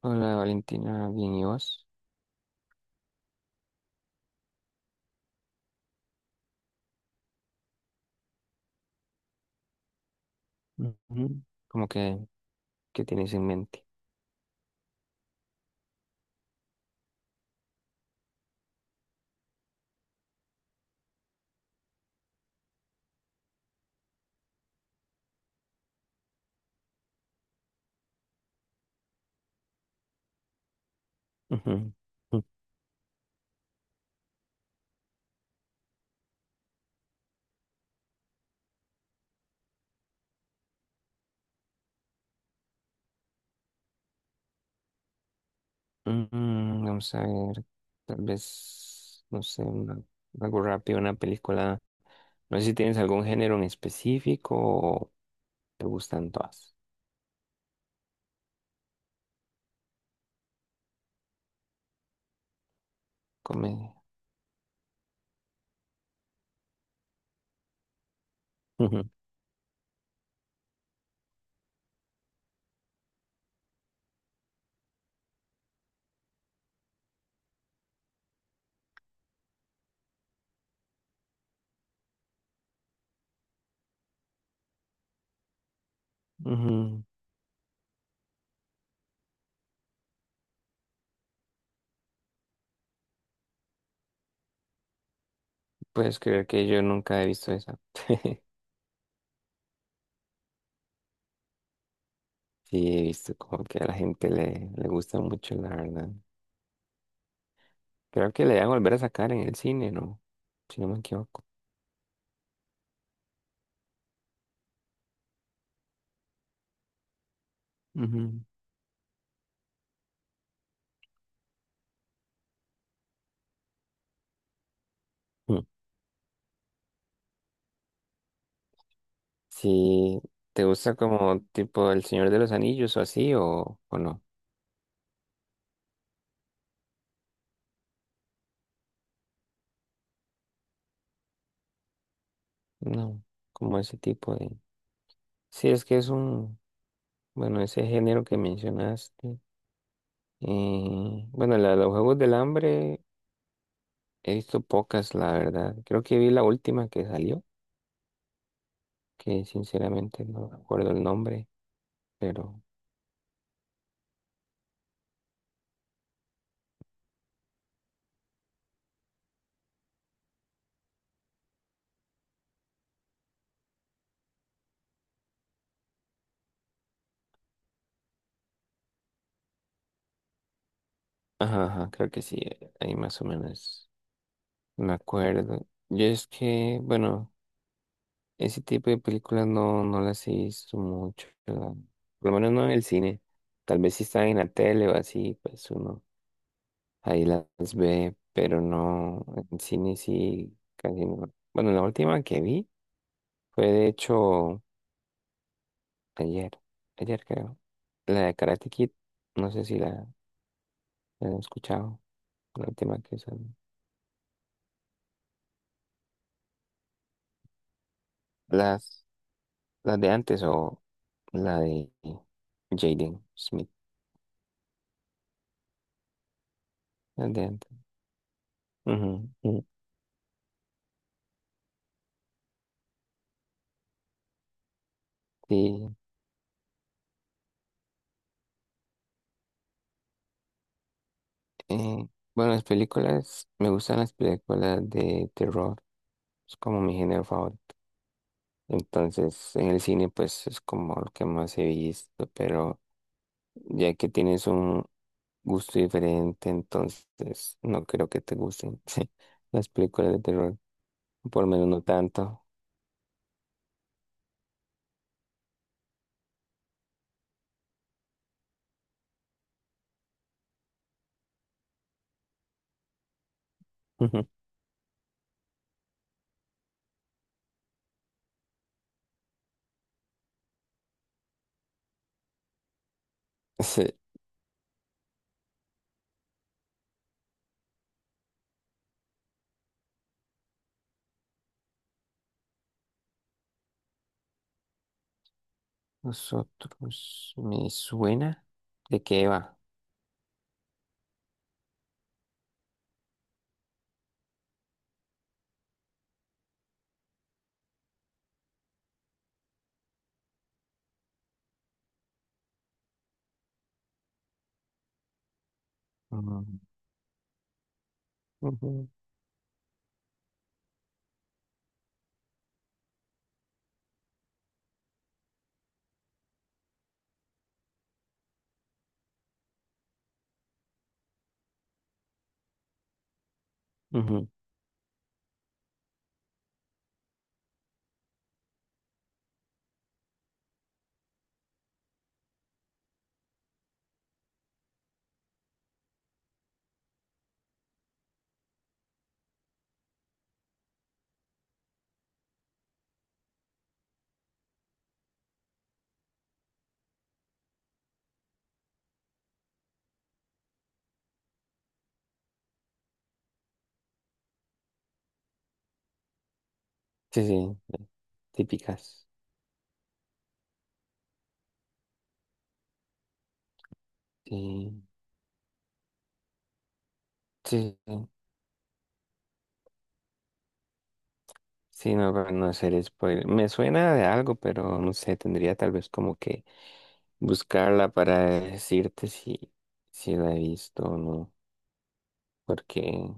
Hola Valentina, bien, ¿y vos? Ujú. ¿Cómo que qué tienes en mente? Ujú. Mm, vamos a ver, tal vez, no sé, algo rápido, una película. No sé si tienes algún género en específico o te gustan todas. Comedia. Ujú, ujú. ¿Puedes creer que yo nunca he visto esa? Sí, he visto como que a la gente le gusta mucho, la verdad. Creo que le van a volver a sacar en el cine, ¿no? Si no me equivoco. Ujú. Si te gusta como tipo El Señor de los Anillos o así, o no. No, como ese tipo de... Sí, es que es un... Bueno, ese género que mencionaste. Bueno, la de los Juegos del Hambre he visto pocas, la verdad. Creo que vi la última que salió, que sinceramente no recuerdo el nombre, pero... Ajá, ajá, creo que sí, ahí más o menos me acuerdo. Yo es que, bueno... Ese tipo de películas no las he visto mucho, por lo menos no en el cine. Tal vez si están en la tele o así, pues uno ahí las ve, pero no, en cine sí, casi no. Bueno, la última que vi fue de hecho ayer, ayer creo, la de Karate Kid, no sé si la han escuchado, la última que son las, las de antes o la de Jaden Smith, las de antes. Ujú, ujú. Sí. Eh, bueno, las películas, me gustan las películas de terror, es como mi género favorito. Entonces, en el cine, pues es como lo que más he visto, pero ya que tienes un gusto diferente, entonces no creo que te gusten sí, las películas de terror, por lo menos no tanto. Ujú. Sí. Nosotros, me suena de qué va. Ujú, ujú, ujú. Sí, sí, típicas. Sí, sí, sí. Sí, no, para no hacer spoiler. Me suena de algo, pero no sé, tendría tal vez como que buscarla para decirte si, si la he visto o no. Porque,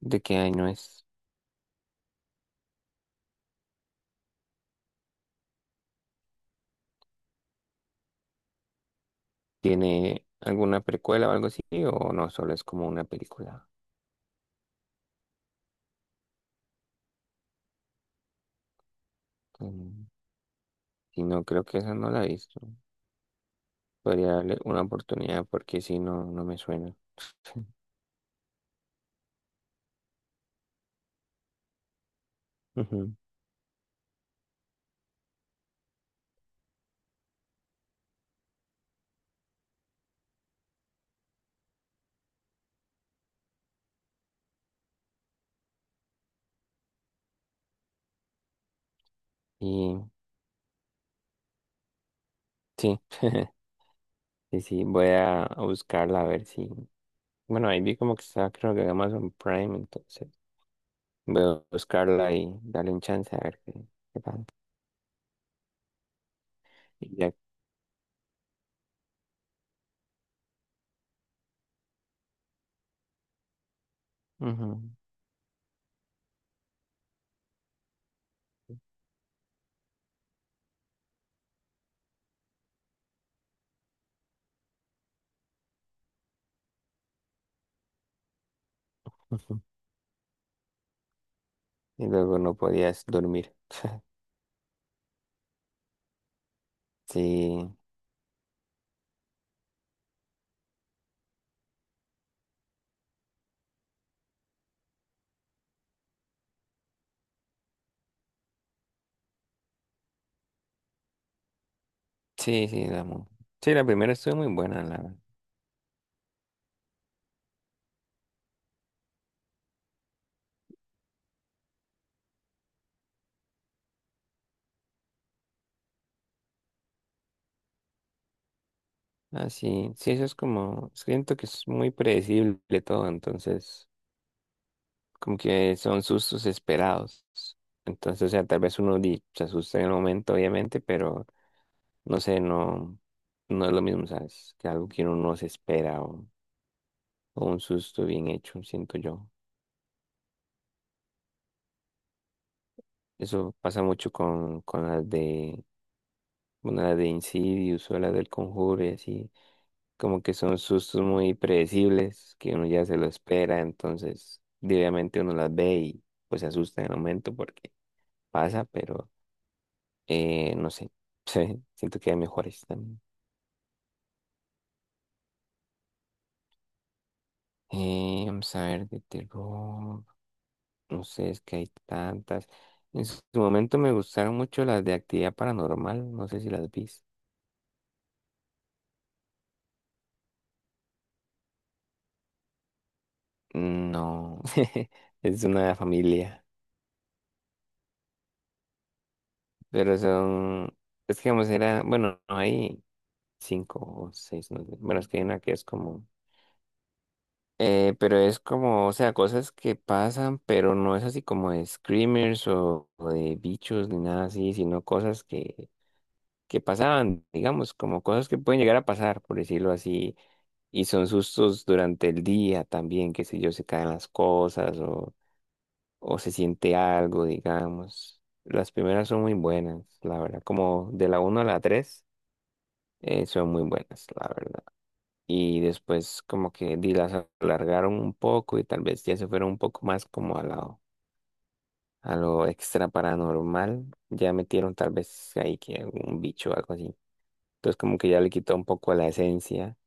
¿de qué año es? ¿Tiene alguna precuela o algo así? ¿O no? Solo es como una película. Mm, y no, creo que esa no la he visto. Podría darle una oportunidad porque si no, no me suena. Ujú. Y sí, sí, sí, voy a buscarla a ver si. Bueno, ahí vi como que está, creo que en Amazon Prime, entonces. Voy a buscarla y darle un chance a ver qué, qué tal. Y ya. Ujú, ujú. ¿Y luego no podías dormir? Sí, sí, sí, sí, la primera estuvo muy buena, la, ah, sí, sí, eso es como, siento que es muy predecible todo, entonces, como que son sustos esperados, entonces, o sea, tal vez uno se asusta en el momento, obviamente, pero, no sé, no, no es lo mismo, ¿sabes? Que algo que uno no se espera o un susto bien hecho, siento yo. Eso pasa mucho con las de, bueno, las de Insidious o las del Conjuro y así, como que son sustos muy predecibles, que uno ya se lo espera, entonces diariamente uno las ve y pues se asusta en el momento porque pasa, pero no sé, sí, siento que hay mejores también. Vamos a ver, de terror, no sé, es que hay tantas. En su momento me gustaron mucho las de actividad paranormal, no sé si las viste. No, es una familia. Pero son, es que vamos, era, bueno, no hay cinco o seis, no sé. Bueno, es que hay una que es como, pero es como, o sea, cosas que pasan, pero no es así como de screamers o de bichos ni nada así, sino cosas que pasaban, digamos, como cosas que pueden llegar a pasar, por decirlo así, y son sustos durante el día también, que sé yo, se caen las cosas o se siente algo, digamos. Las primeras son muy buenas, la verdad, como de la uno a la tres son muy buenas, la verdad. Y después como que las alargaron un poco y tal vez ya se fueron un poco más como a lo extra paranormal. Ya metieron tal vez ahí que algún bicho o algo así. Entonces como que ya le quitó un poco la esencia.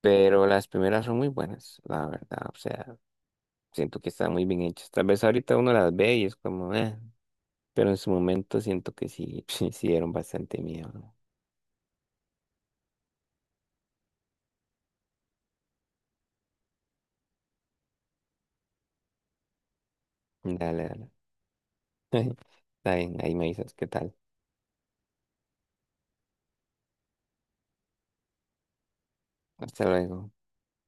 Pero las primeras son muy buenas, la verdad. O sea, siento que están muy bien hechas. Tal vez ahorita uno las ve y es como, eh. Pero en su momento siento que sí, sí dieron bastante miedo, ¿no? Dale, dale. Está bien, ahí me dices qué tal. Hasta luego.